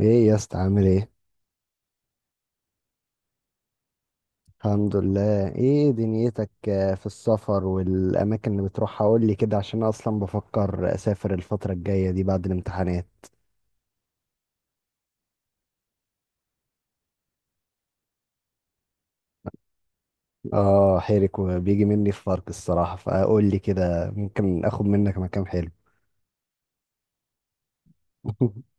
ايه يا اسطى عامل ايه؟ الحمد لله. ايه دنيتك؟ في السفر والاماكن اللي بتروحها، قول لي كده، عشان أنا اصلا بفكر اسافر الفتره الجايه دي بعد الامتحانات. اه حيرك وبيجي مني في فرق الصراحه، فقول لي كده، ممكن اخد منك مكان حلو.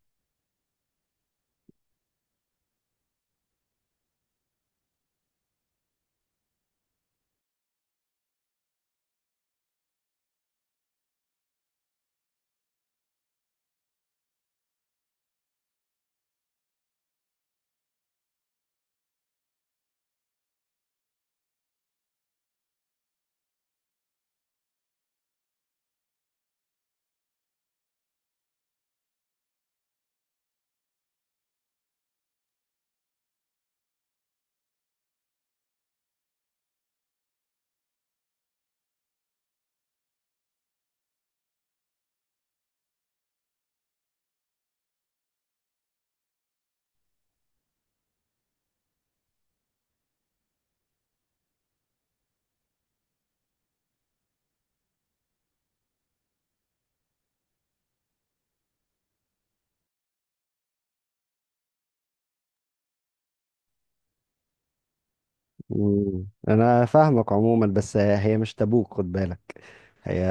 مم. انا فاهمك عموما، بس هي مش تبوك، خد بالك. هي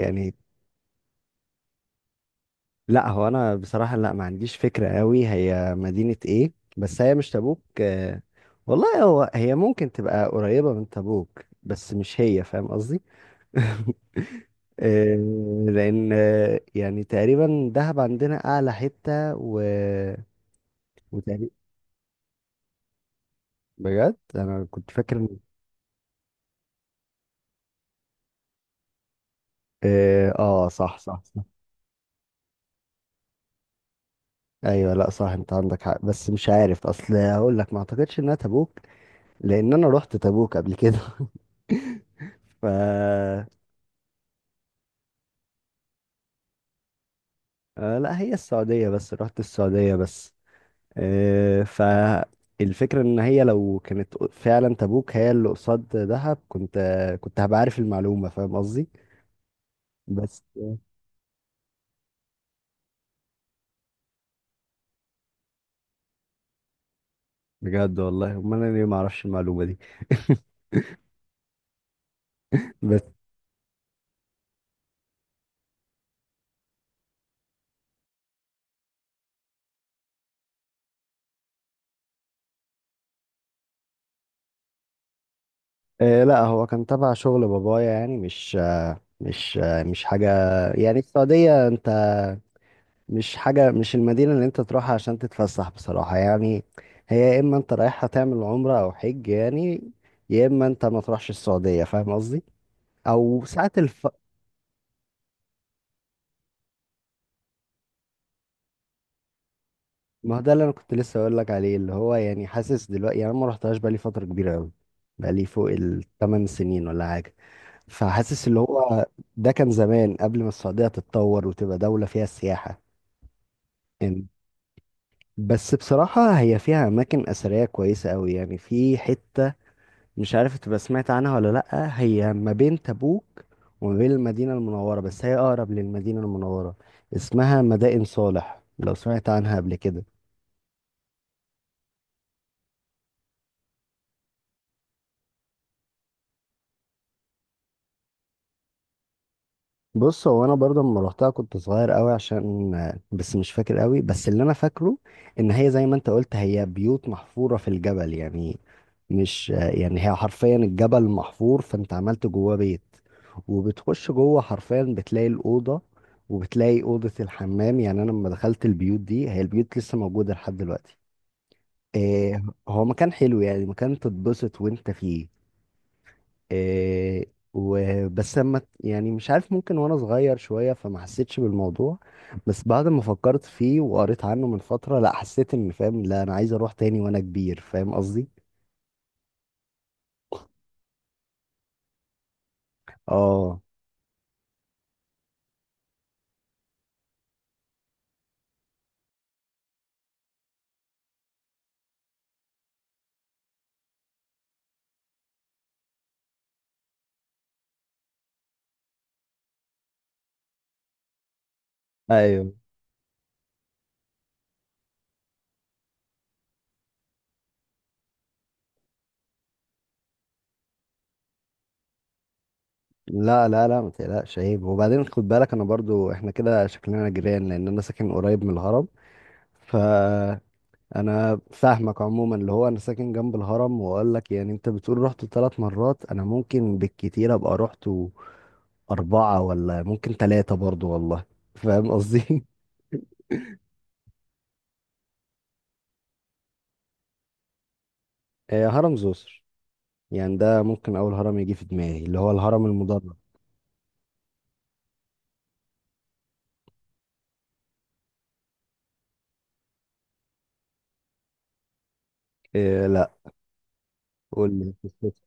يعني، لا، هو انا بصراحة لا، ما عنديش فكرة قوي هي مدينة ايه، بس هي مش تبوك. والله، هو هي ممكن تبقى قريبة من تبوك، بس مش هي، فاهم قصدي؟ آه، لان يعني تقريبا دهب عندنا اعلى حتة وتقريبا، بجد انا كنت فاكر اه صح صح صح. ايوه، لا صح، انت عندك حق، بس مش عارف اصل، هقول لك ما اعتقدش انها تبوك، لان انا رحت تبوك قبل كده. ف لا، هي السعودية بس، رحت السعودية بس، فالفكرة ان هي لو كانت فعلا تبوك، هي اللي قصاد دهب، كنت هبقى عارف المعلومة، فاهم قصدي؟ بس. بجد والله، امال انا ليه ما اعرفش المعلومة دي؟ بس. لا، هو كان تبع شغل بابايا، يعني مش، مش حاجة، يعني السعودية، انت مش حاجة، مش المدينة اللي انت تروحها عشان تتفسح بصراحة يعني، هي يا اما انت رايحها تعمل عمرة او حج، يعني يا اما انت ما تروحش السعودية، فاهم قصدي؟ او ساعات ما هو ده اللي انا كنت لسه اقول لك عليه، اللي هو يعني حاسس دلوقتي، يعني انا ما رحتهاش بقالي فترة كبيرة قوي، بقالي فوق 8 سنين ولا حاجة، فحاسس اللي هو ده كان زمان قبل ما السعودية تتطور وتبقى دولة فيها سياحة إن- بس بصراحة هي فيها أماكن أثرية كويسة أوي، يعني في حتة، مش عارف تبقى سمعت عنها ولا لأ، هي ما بين تبوك وما بين المدينة المنورة، بس هي أقرب للمدينة المنورة، اسمها مدائن صالح، لو سمعت عنها قبل كده. بص، هو انا برضه لما روحتها كنت صغير قوي، عشان، بس مش فاكر قوي، بس اللي انا فاكره ان هي زي ما انت قلت، هي بيوت محفورة في الجبل، يعني مش، يعني هي حرفيا الجبل محفور فانت عملت جواه بيت، وبتخش جوه حرفيا بتلاقي الأوضة وبتلاقي أوضة الحمام. يعني انا لما دخلت البيوت دي، هي البيوت لسه موجودة لحد دلوقتي. إيه، هو مكان حلو، يعني مكان تتبسط وانت فيه. إيه، وبس لما يعني مش عارف، ممكن وانا صغير شوية فما حسيتش بالموضوع، بس بعد ما فكرت فيه وقريت عنه من فترة، لا حسيت ان فاهم، لا انا عايز اروح تاني وانا كبير، فاهم قصدي؟ اه. ايوه، لا لا لا، ما تقلقش عيب. وبعدين خد بالك، انا برضو احنا كده شكلنا جيران، لان انا ساكن قريب من الهرم ف انا فاهمك عموما، اللي هو انا ساكن جنب الهرم، واقول لك يعني انت بتقول رحت 3 مرات، انا ممكن بالكتير ابقى رحت اربعة، ولا ممكن ثلاثة برضو والله، فاهم قصدي؟ هرم زوسر، يعني ده ممكن اول هرم يجي في دماغي، اللي هو الهرم المدرج. إيه لا، قول لي قصته.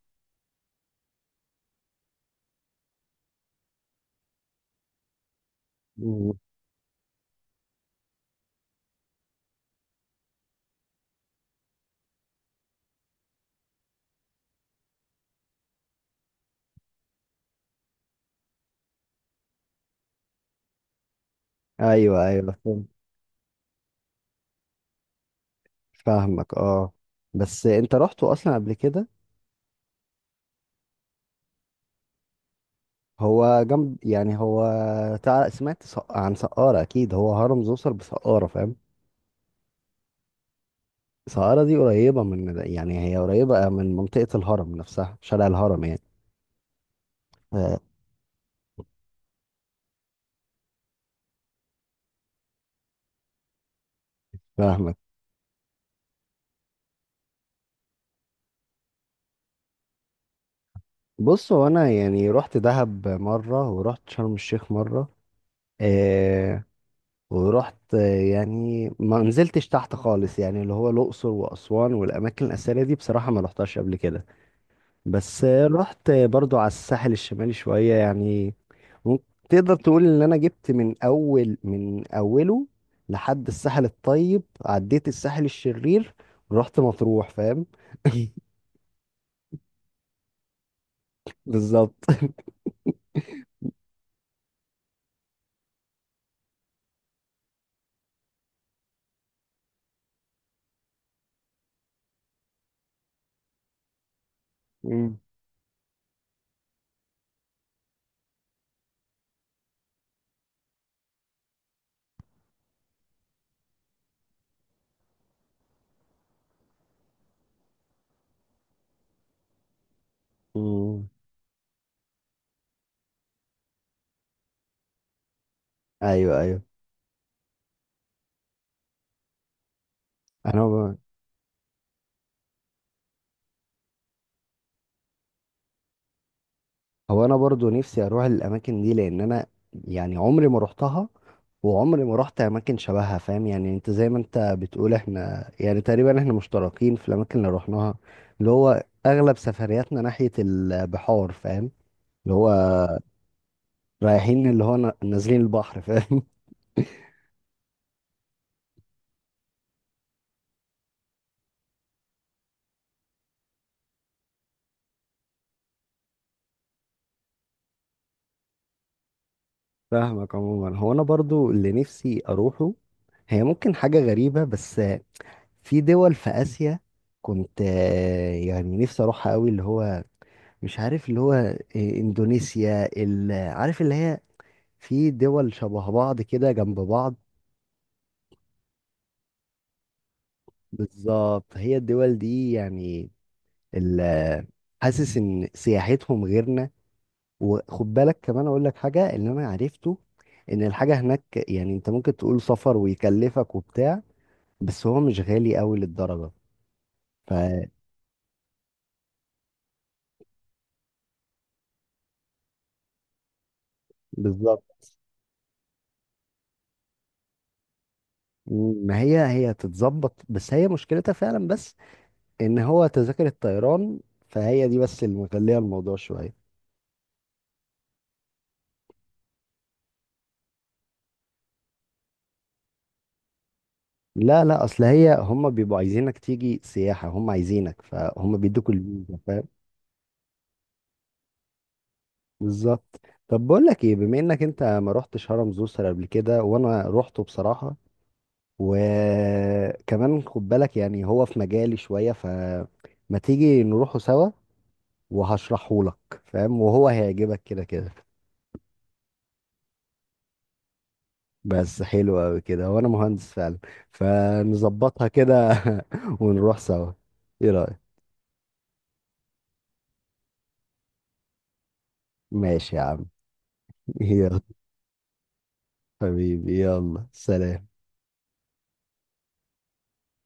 مم. ايوه ايوه فاهم. فاهمك اه، بس انت رحته اصلا قبل كده؟ هو جنب، يعني هو سمعت عن سقارة، اكيد هو هرم زوسر بسقارة، فاهم؟ سهارة دي قريبة من، يعني هي قريبة من منطقة الهرم نفسها، شارع الهرم يعني. آه، فاهمك. بص، هو أنا يعني رحت دهب مرة ورحت شرم الشيخ مرة آه ورحت يعني ما نزلتش تحت خالص، يعني اللي هو الأقصر وأسوان والأماكن الأثرية دي بصراحة ما رحتهاش قبل كده، بس رحت برضو على الساحل الشمالي شوية يعني. مم. تقدر تقول ان انا جبت من اول من اوله لحد الساحل الطيب، عديت الساحل الشرير ورحت مطروح، فاهم؟ بالظبط. مم. مم. ايوه ايوه، انا ب... هو انا برضو نفسي اروح الاماكن دي، لان انا يعني عمري ما رحتها، وعمري ما رحت اماكن شبهها، فاهم؟ يعني انت زي ما انت بتقول، احنا يعني تقريبا احنا مشتركين في الاماكن اللي رحناها، اللي هو اغلب سفرياتنا ناحية البحار، فاهم؟ اللي هو رايحين، اللي هو نازلين البحر، فاهم؟ فاهمك عموما، هو انا برضو اللي نفسي اروحه، هي ممكن حاجة غريبة بس، في دول في آسيا كنت يعني نفسي اروحها قوي، اللي هو مش عارف اللي هو اندونيسيا، عارف اللي هي، في دول شبه بعض كده جنب بعض. بالظبط، هي الدول دي يعني، ال- حاسس ان سياحتهم غيرنا. وخد بالك كمان اقول لك حاجه، اللي انا عرفته ان الحاجه هناك، يعني انت ممكن تقول سفر ويكلفك وبتاع، بس هو مش غالي قوي للدرجه ف بالظبط. ما هي، هي تتظبط، بس هي مشكلتها فعلا، بس ان هو تذاكر الطيران، فهي دي بس اللي مخليه الموضوع شويه. لا لا، اصل هي هم بيبقوا عايزينك تيجي سياحه، هم عايزينك فهم بيدوك الفيزا، فاهم؟ بالظبط. طب بقول لك ايه، بما انك انت ما رحتش هرم زوسر قبل كده وانا روحته بصراحه، وكمان خد بالك يعني هو في مجالي شوية، فما تيجي نروحوا سوا، وهشرحه لك، فاهم؟ وهو هيعجبك كده كده. بس حلو قوي كده، وانا مهندس فعلا، فنظبطها كده ونروح سوا. ايه رأيك؟ ماشي يا عم. يلا. حبيبي يلا سلام.